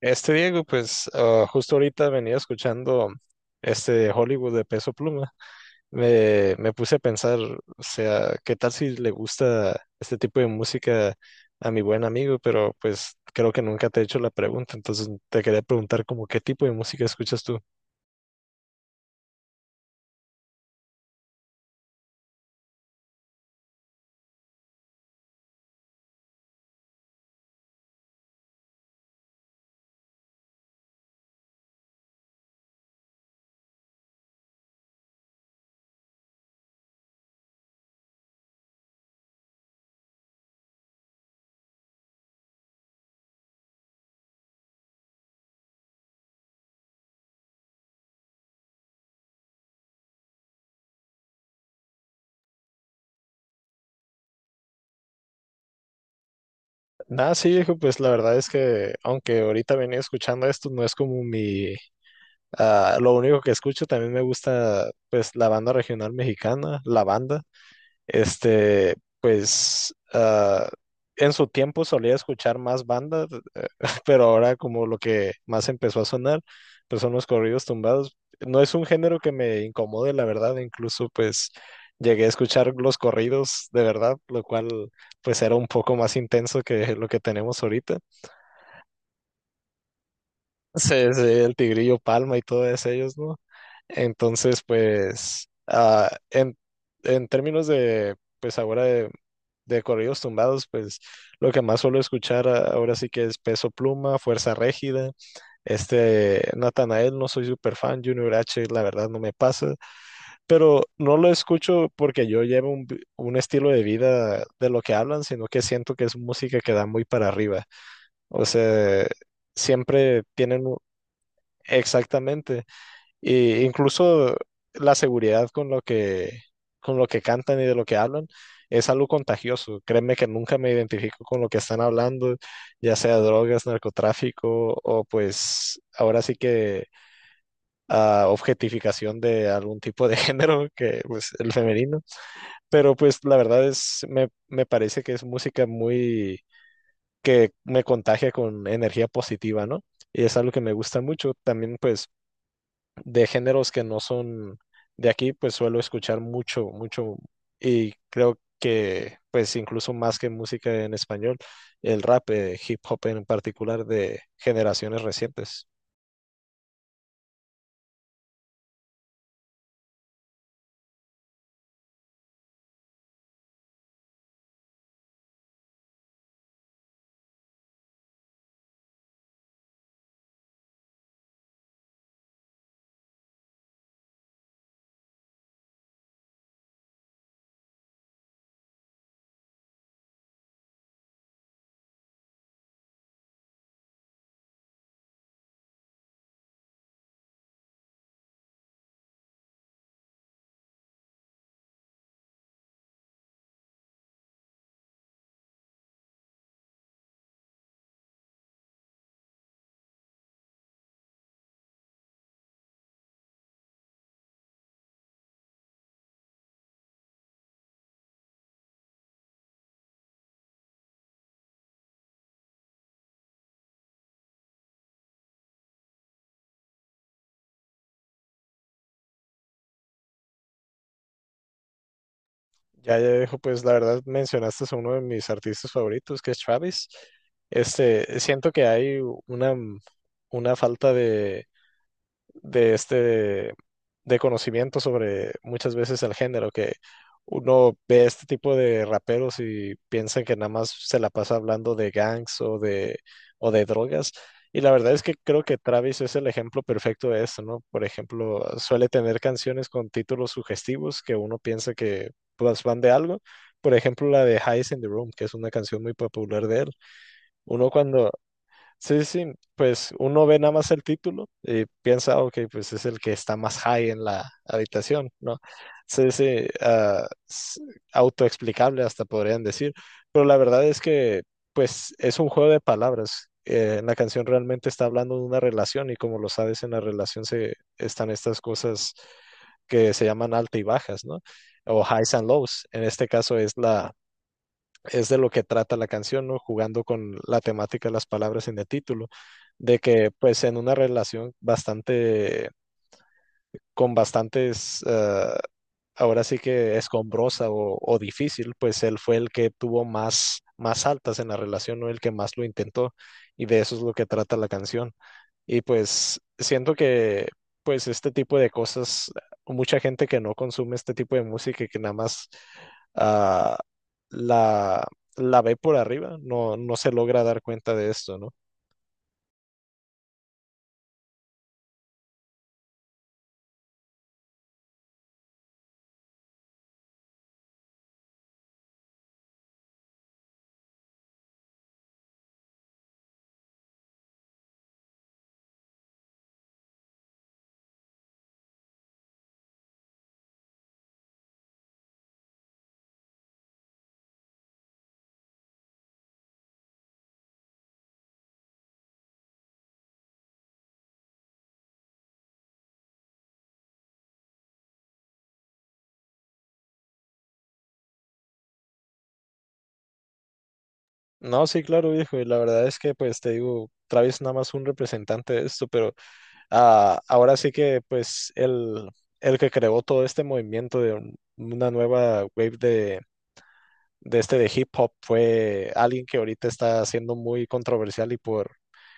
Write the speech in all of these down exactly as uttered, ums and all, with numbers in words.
Este Diego, pues ah, justo ahorita venía escuchando este Hollywood de Peso Pluma. Me, me puse a pensar, o sea, ¿qué tal si le gusta este tipo de música a mi buen amigo? Pero pues creo que nunca te he hecho la pregunta, entonces te quería preguntar como qué tipo de música escuchas tú. Nada, sí, Diego, pues la verdad es que aunque ahorita venía escuchando esto, no es como mi… ah, lo único que escucho, también me gusta pues la banda regional mexicana, la banda. Este, pues ah, en su tiempo solía escuchar más bandas, eh, pero ahora como lo que más empezó a sonar, pues son los corridos tumbados. No es un género que me incomode, la verdad, incluso pues llegué a escuchar los corridos de verdad, lo cual pues era un poco más intenso que lo que tenemos ahorita. Sí, se- el Tigrillo Palma y todos ellos, ¿no? Entonces, pues, ah, en, en términos de, pues ahora de de corridos tumbados, pues lo que más suelo escuchar a- ahora sí que es Peso Pluma, Fuerza Régida, este Natanael, no soy super fan, Junior H, la verdad no me pasa, pero no lo escucho porque yo llevo un, vi- un estilo de vida de lo que hablan, sino que siento que es música que da muy para arriba, o sea, siempre tienen… un— Exactamente. Y incluso la seguridad con lo que, con lo que cantan y de lo que hablan es algo contagioso. Créeme que nunca me identifico con lo que están hablando, ya sea drogas, narcotráfico o pues ahora sí que ah, objetificación de algún tipo de género que pues el femenino. Pero pues la verdad es, me, me parece que es música muy que me contagia con energía positiva, ¿no? Y es algo que me gusta mucho. También pues de géneros que no son de aquí, pues suelo escuchar mucho, mucho, y creo que pues incluso más que música en español, el rap, eh, hip hop en particular de generaciones recientes. Ya, ya dejo, pues la verdad mencionaste a uno de mis artistas favoritos, que es Travis. Este, siento que hay una, una falta de de este de conocimiento sobre muchas veces el género, que uno ve este tipo de raperos y piensa que nada más se la pasa hablando de gangs o de, o de drogas. Y la verdad es que creo que Travis es el ejemplo perfecto de esto, ¿no? Por ejemplo, suele tener canciones con títulos sugestivos que uno piensa que pues, van de algo. Por ejemplo, la de Highs in the Room, que es una canción muy popular de él. Uno cuando, sí, sí, pues uno ve nada más el título y piensa, ok, pues es el que está más high en la habitación, ¿no? Sí, sí, ah, s- autoexplicable hasta podrían decir, pero la verdad es que, pues es un juego de palabras. Eh, la canción realmente está hablando de una relación y como lo sabes, en la relación se están estas cosas que se llaman altas y bajas, ¿no? O highs and lows. En este caso es la es de lo que trata la canción, ¿no? Jugando con la temática de las palabras en el título, de que pues en una relación bastante, con bastantes, eh, ahora sí que escombrosa o, o difícil, pues él fue el que tuvo más, más altas en la relación, ¿no? El que más lo intentó, y de eso es lo que trata la canción. Y pues siento que pues este tipo de cosas, mucha gente que no consume este tipo de música y que nada más ah, la, la ve por arriba, no, no se logra dar cuenta de esto, ¿no? No, sí, claro, viejo, y la verdad es que pues te digo, Travis nada más un representante de esto, pero ah, ahora sí que pues el, el que creó todo este movimiento de un- una nueva wave de de este de hip hop fue alguien que ahorita está siendo muy controversial y por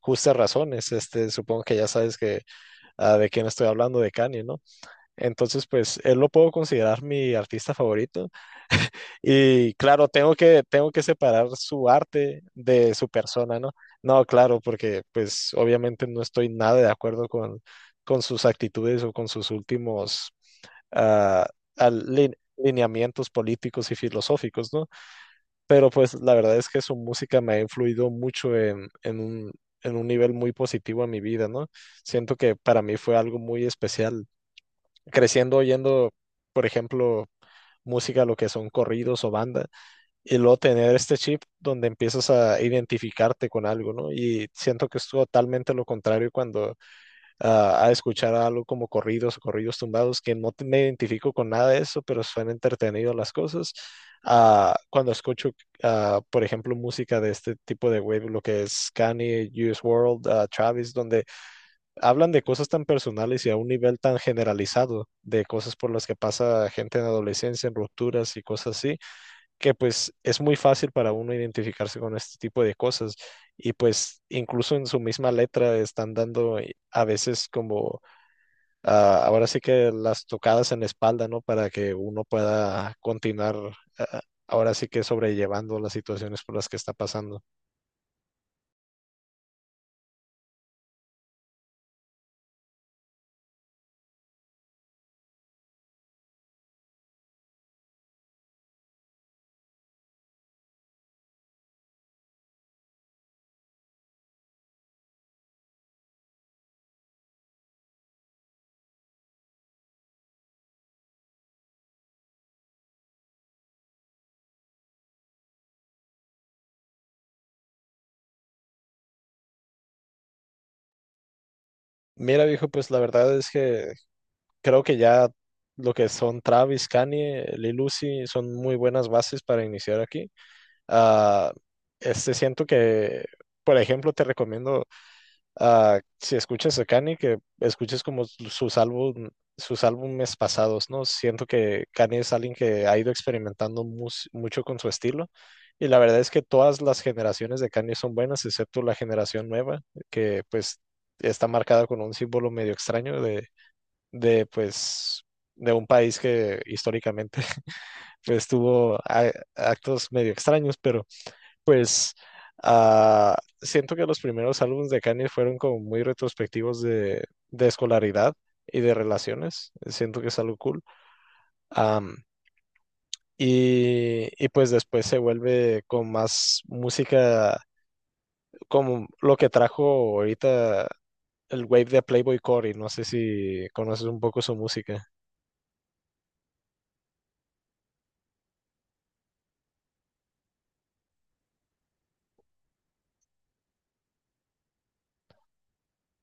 justas razones. Este, supongo que ya sabes que ah, de quién estoy hablando, de Kanye, ¿no? Entonces, pues él lo puedo considerar mi artista favorito y claro, tengo que tengo que separar su arte de su persona, ¿no? No, claro, porque pues obviamente no estoy nada de acuerdo con con sus actitudes o con sus últimos ah, al- lin- lineamientos políticos y filosóficos, ¿no? Pero pues la verdad es que su música me ha influido mucho en, en un, en un nivel muy positivo en mi vida, ¿no? Siento que para mí fue algo muy especial. Creciendo oyendo, por ejemplo, música, lo que son corridos o banda, y luego tener este chip donde empiezas a identificarte con algo, ¿no? Y siento que es totalmente lo contrario cuando a, a escuchar algo como corridos o corridos tumbados, que no te- me identifico con nada de eso, pero suena entretenido las cosas. Ah, cuando escucho, ah, por ejemplo, música de este tipo de wave, lo que es Kanye, U S World, ah, Travis, donde hablan de cosas tan personales y a un nivel tan generalizado, de cosas por las que pasa gente en adolescencia, en rupturas y cosas así, que pues es muy fácil para uno identificarse con este tipo de cosas. Y pues incluso en su misma letra están dando eh, a veces como ah, ahora sí que las tocadas en la espalda, ¿no? Para que uno pueda continuar, ah, ahora sí que sobrellevando las situaciones por las que está pasando. Mira, viejo, pues la verdad es que creo que ya lo que son Travis, Kanye, Lil Uzi son muy buenas bases para iniciar aquí. Ah, este siento que, por ejemplo, te recomiendo. Ah, si escuchas a Kanye, que escuches como su- sus álbum, sus álbumes pasados, ¿no? Siento que Kanye es alguien que ha ido experimentando mus- mucho con su estilo. Y la verdad es que todas las generaciones de Kanye son buenas, excepto la generación nueva, que pues está marcada con un símbolo medio extraño de, de pues, de un país que históricamente pues tuvo a- actos medio extraños, pero pues ah, siento que los primeros álbumes de Kanye fueron como muy retrospectivos de, de escolaridad y de relaciones. Siento que es algo cool. Am, y, y pues después se vuelve con más música, como lo que trajo ahorita el wave de Playboy Corey. No sé si conoces un poco su música.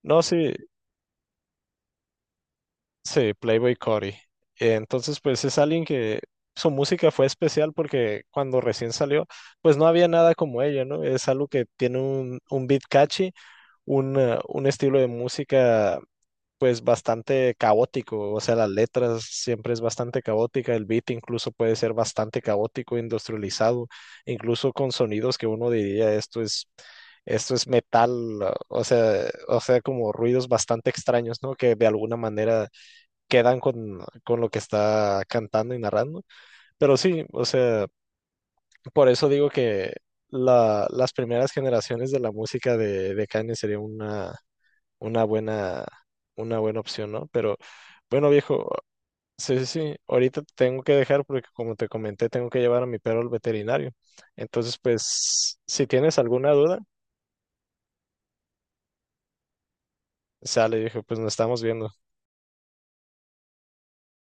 No, sí, sí, Playboy Cory. Eh, Entonces, pues es alguien que su música fue especial porque cuando recién salió, pues no había nada como ella, ¿no? Es algo que tiene un, un beat catchy, un, eh, un estilo de música pues bastante caótico, o sea, las letras siempre es bastante caótica, el beat incluso puede ser bastante caótico, industrializado, incluso con sonidos que uno diría esto es esto es metal, o sea, o sea, como ruidos bastante extraños, ¿no? Que de alguna manera quedan con, con lo que está cantando y narrando. Pero sí, o sea, por eso digo que la- las primeras generaciones de la música de, de Kanye sería una, una buena, una buena opción, ¿no? Pero bueno, viejo, sí, sí, sí, ahorita te tengo que dejar porque como te comenté, tengo que llevar a mi perro al veterinario. Entonces, pues, si tienes alguna duda, sale, viejo, pues nos estamos viendo.